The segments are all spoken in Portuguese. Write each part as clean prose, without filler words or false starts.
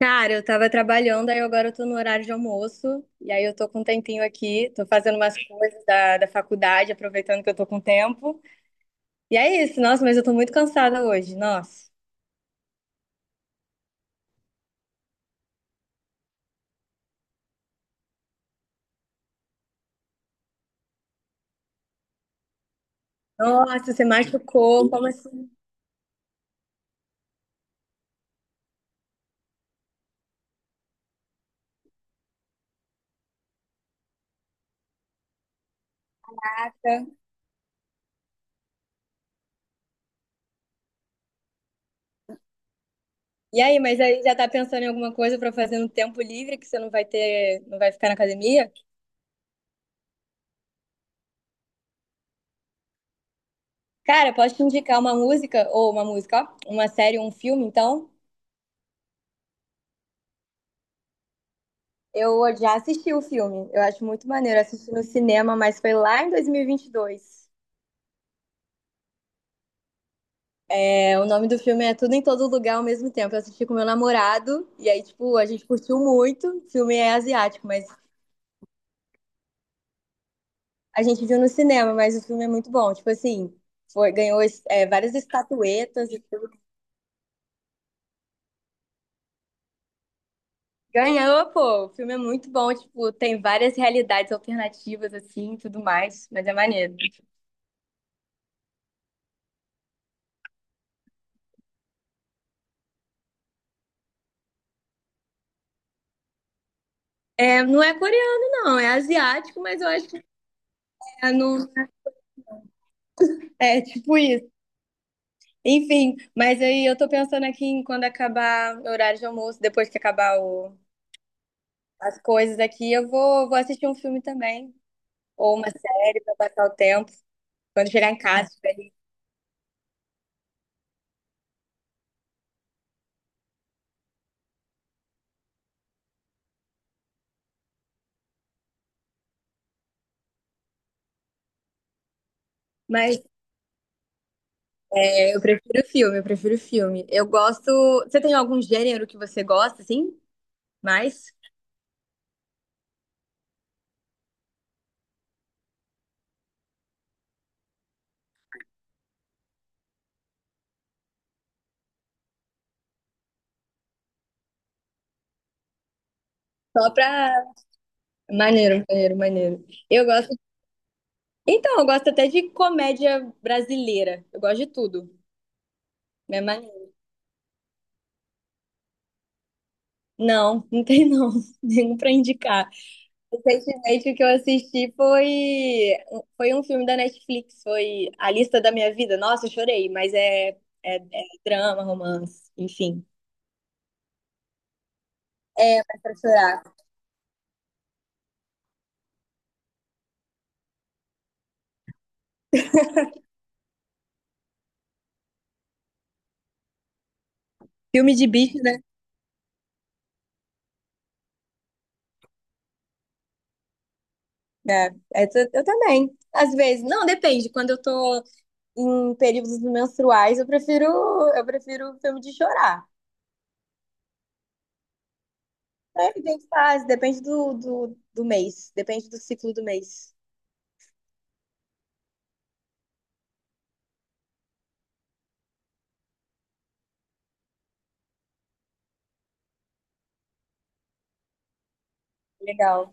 Cara, eu tava trabalhando, aí agora eu tô no horário de almoço, e aí eu tô com um tempinho aqui, tô fazendo umas coisas da faculdade, aproveitando que eu tô com tempo. E é isso, nossa, mas eu tô muito cansada hoje, nossa. Nossa, você machucou, como assim? Tá? E aí, mas aí já tá pensando em alguma coisa pra fazer no tempo livre que você não vai ter, não vai ficar na academia? Cara, posso te indicar uma música, ou uma música, ó, uma série, um filme, então? Eu já assisti o filme, eu acho muito maneiro, assisti no cinema, mas foi lá em 2022. É, o nome do filme é Tudo em Todo Lugar ao mesmo tempo. Eu assisti com meu namorado e aí, tipo, a gente curtiu muito. O filme é asiático, mas a gente viu no cinema, mas o filme é muito bom. Tipo assim, foi, ganhou várias estatuetas e tudo. Ganhou, pô. O filme é muito bom. Tipo, tem várias realidades alternativas, assim, e tudo mais. Mas é maneiro. É, não é coreano, não. É asiático, mas eu acho que é, no, é tipo isso. Enfim, mas aí eu tô pensando aqui em quando acabar o horário de almoço, depois que acabar o, as coisas aqui, vou assistir um filme também, ou uma série para passar o tempo, quando chegar em casa, estiver livre. Mas é, eu prefiro filme. Eu gosto. Você tem algum gênero que você gosta, assim? Mais? Só pra. Maneiro, maneiro, maneiro. Eu gosto. Então, eu gosto até de comédia brasileira. Eu gosto de tudo. É maneiro. Não, não tem não. Nenhum pra indicar. Recentemente, o que eu assisti foi, foi um filme da Netflix, foi A Lista da Minha Vida. Nossa, eu chorei, mas é drama, romance, enfim. É, mas pra chorar. Filme de bicho, né? É, eu também. Às vezes, não, depende. Quando eu tô em períodos menstruais, eu prefiro filme de chorar. É, tem fase, depende do mês, depende do ciclo do mês. Legal.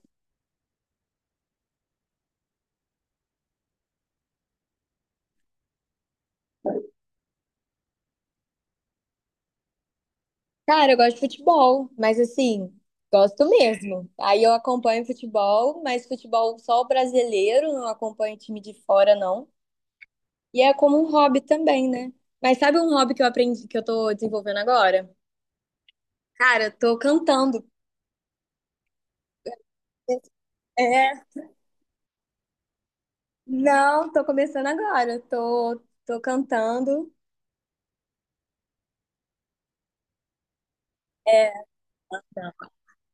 Cara, eu gosto de futebol, mas assim, gosto mesmo. Aí eu acompanho futebol, mas futebol só o brasileiro, não acompanho time de fora, não. E é como um hobby também, né? Mas sabe um hobby que eu aprendi, que eu tô desenvolvendo agora? Cara, eu tô cantando. É, não, tô começando agora. Tô cantando. Não,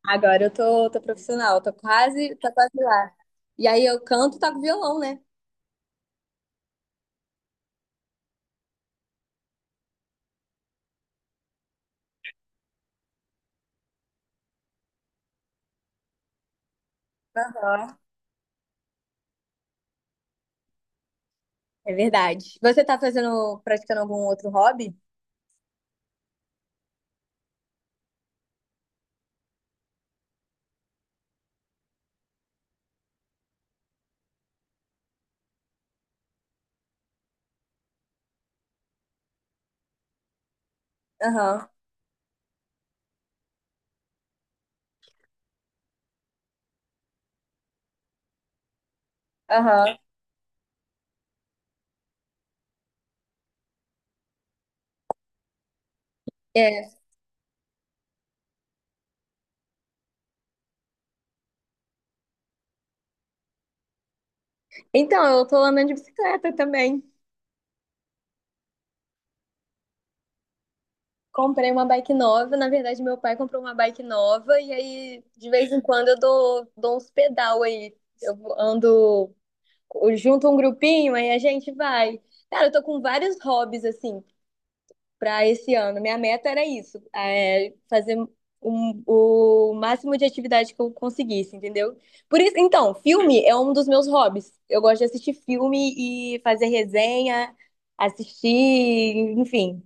agora tô profissional, tô quase lá. E aí eu canto, toco violão, né? Aham. É verdade. Você tá fazendo, praticando algum outro hobby? Aham, aham. É. Então, eu tô andando de bicicleta também. Comprei uma bike nova. Na verdade, meu pai comprou uma bike nova. E aí, de vez em quando, dou uns pedal aí. Eu ando, eu junto um grupinho, aí a gente vai. Cara, eu tô com vários hobbies, assim, para esse ano. Minha meta era isso, é fazer o máximo de atividade que eu conseguisse, entendeu? Por isso, então, filme é um dos meus hobbies. Eu gosto de assistir filme e fazer resenha, assistir, enfim.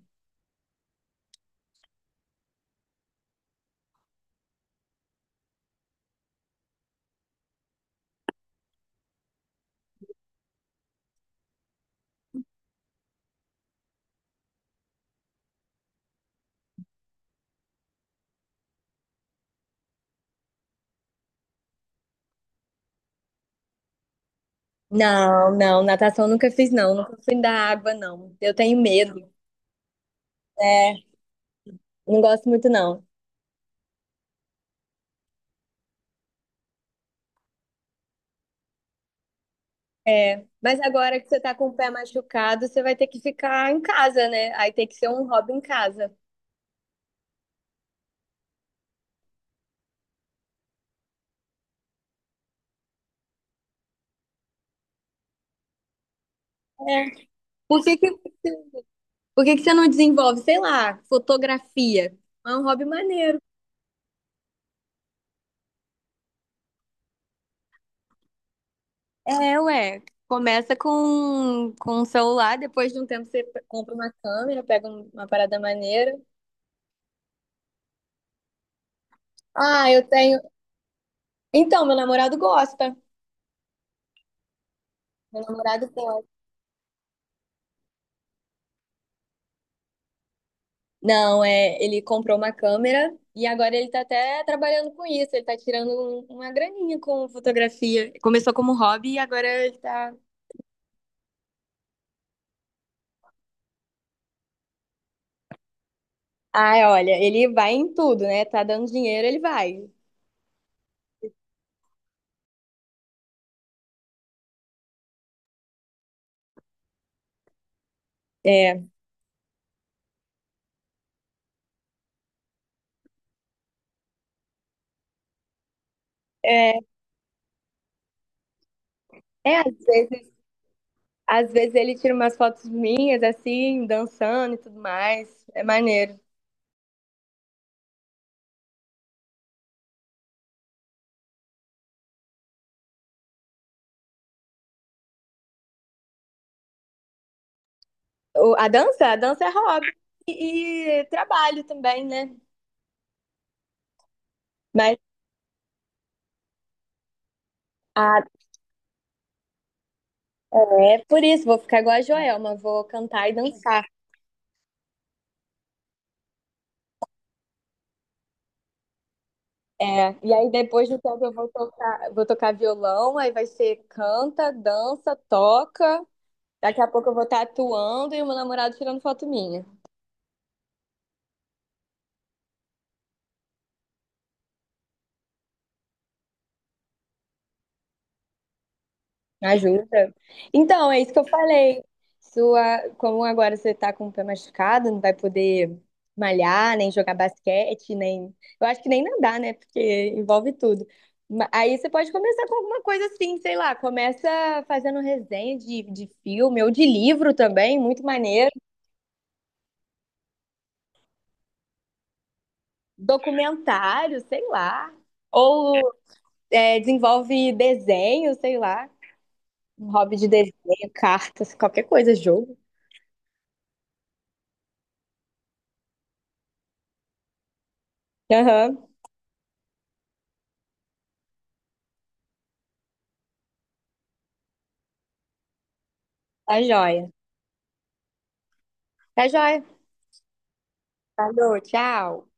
Não, não, natação eu nunca fiz, não. Nunca fui da água, não. Eu tenho medo. É, não gosto muito, não. É, mas agora que você tá com o pé machucado, você vai ter que ficar em casa, né? Aí tem que ser um hobby em casa. É. Por que que Por que que você não desenvolve, sei lá, fotografia? É um hobby maneiro. É, ué. Começa com um celular, depois de um tempo você compra uma câmera, pega uma parada maneira. Ah, eu tenho. Então, meu namorado gosta. Meu namorado gosta. Não, é, ele comprou uma câmera e agora ele tá até trabalhando com isso. Ele tá tirando uma graninha com fotografia. Começou como hobby e agora ele tá. Ah, olha, ele vai em tudo, né? Tá dando dinheiro, ele vai. É. É, às vezes ele tira umas fotos minhas, assim, dançando e tudo mais. É maneiro. A dança, a dança é hobby e trabalho também, né? Mas ah, é por isso, vou ficar igual a Joelma, vou cantar e dançar. É, e aí depois do tempo vou tocar violão, aí vai ser canta, dança, toca. Daqui a pouco eu vou estar atuando e o meu namorado tirando foto minha. Ajuda. Então, é isso que eu falei. Sua, como agora você tá com o pé machucado, não vai poder malhar, nem jogar basquete, nem. Eu acho que nem nadar, né? Porque envolve tudo. Aí você pode começar com alguma coisa assim, sei lá, começa fazendo resenha de filme ou de livro também, muito maneiro. Documentário, sei lá. Ou é, desenvolve desenho, sei lá. Um hobby de desenho, cartas, qualquer coisa, jogo. Aham, tá joia. Tá joia. Falou, tchau.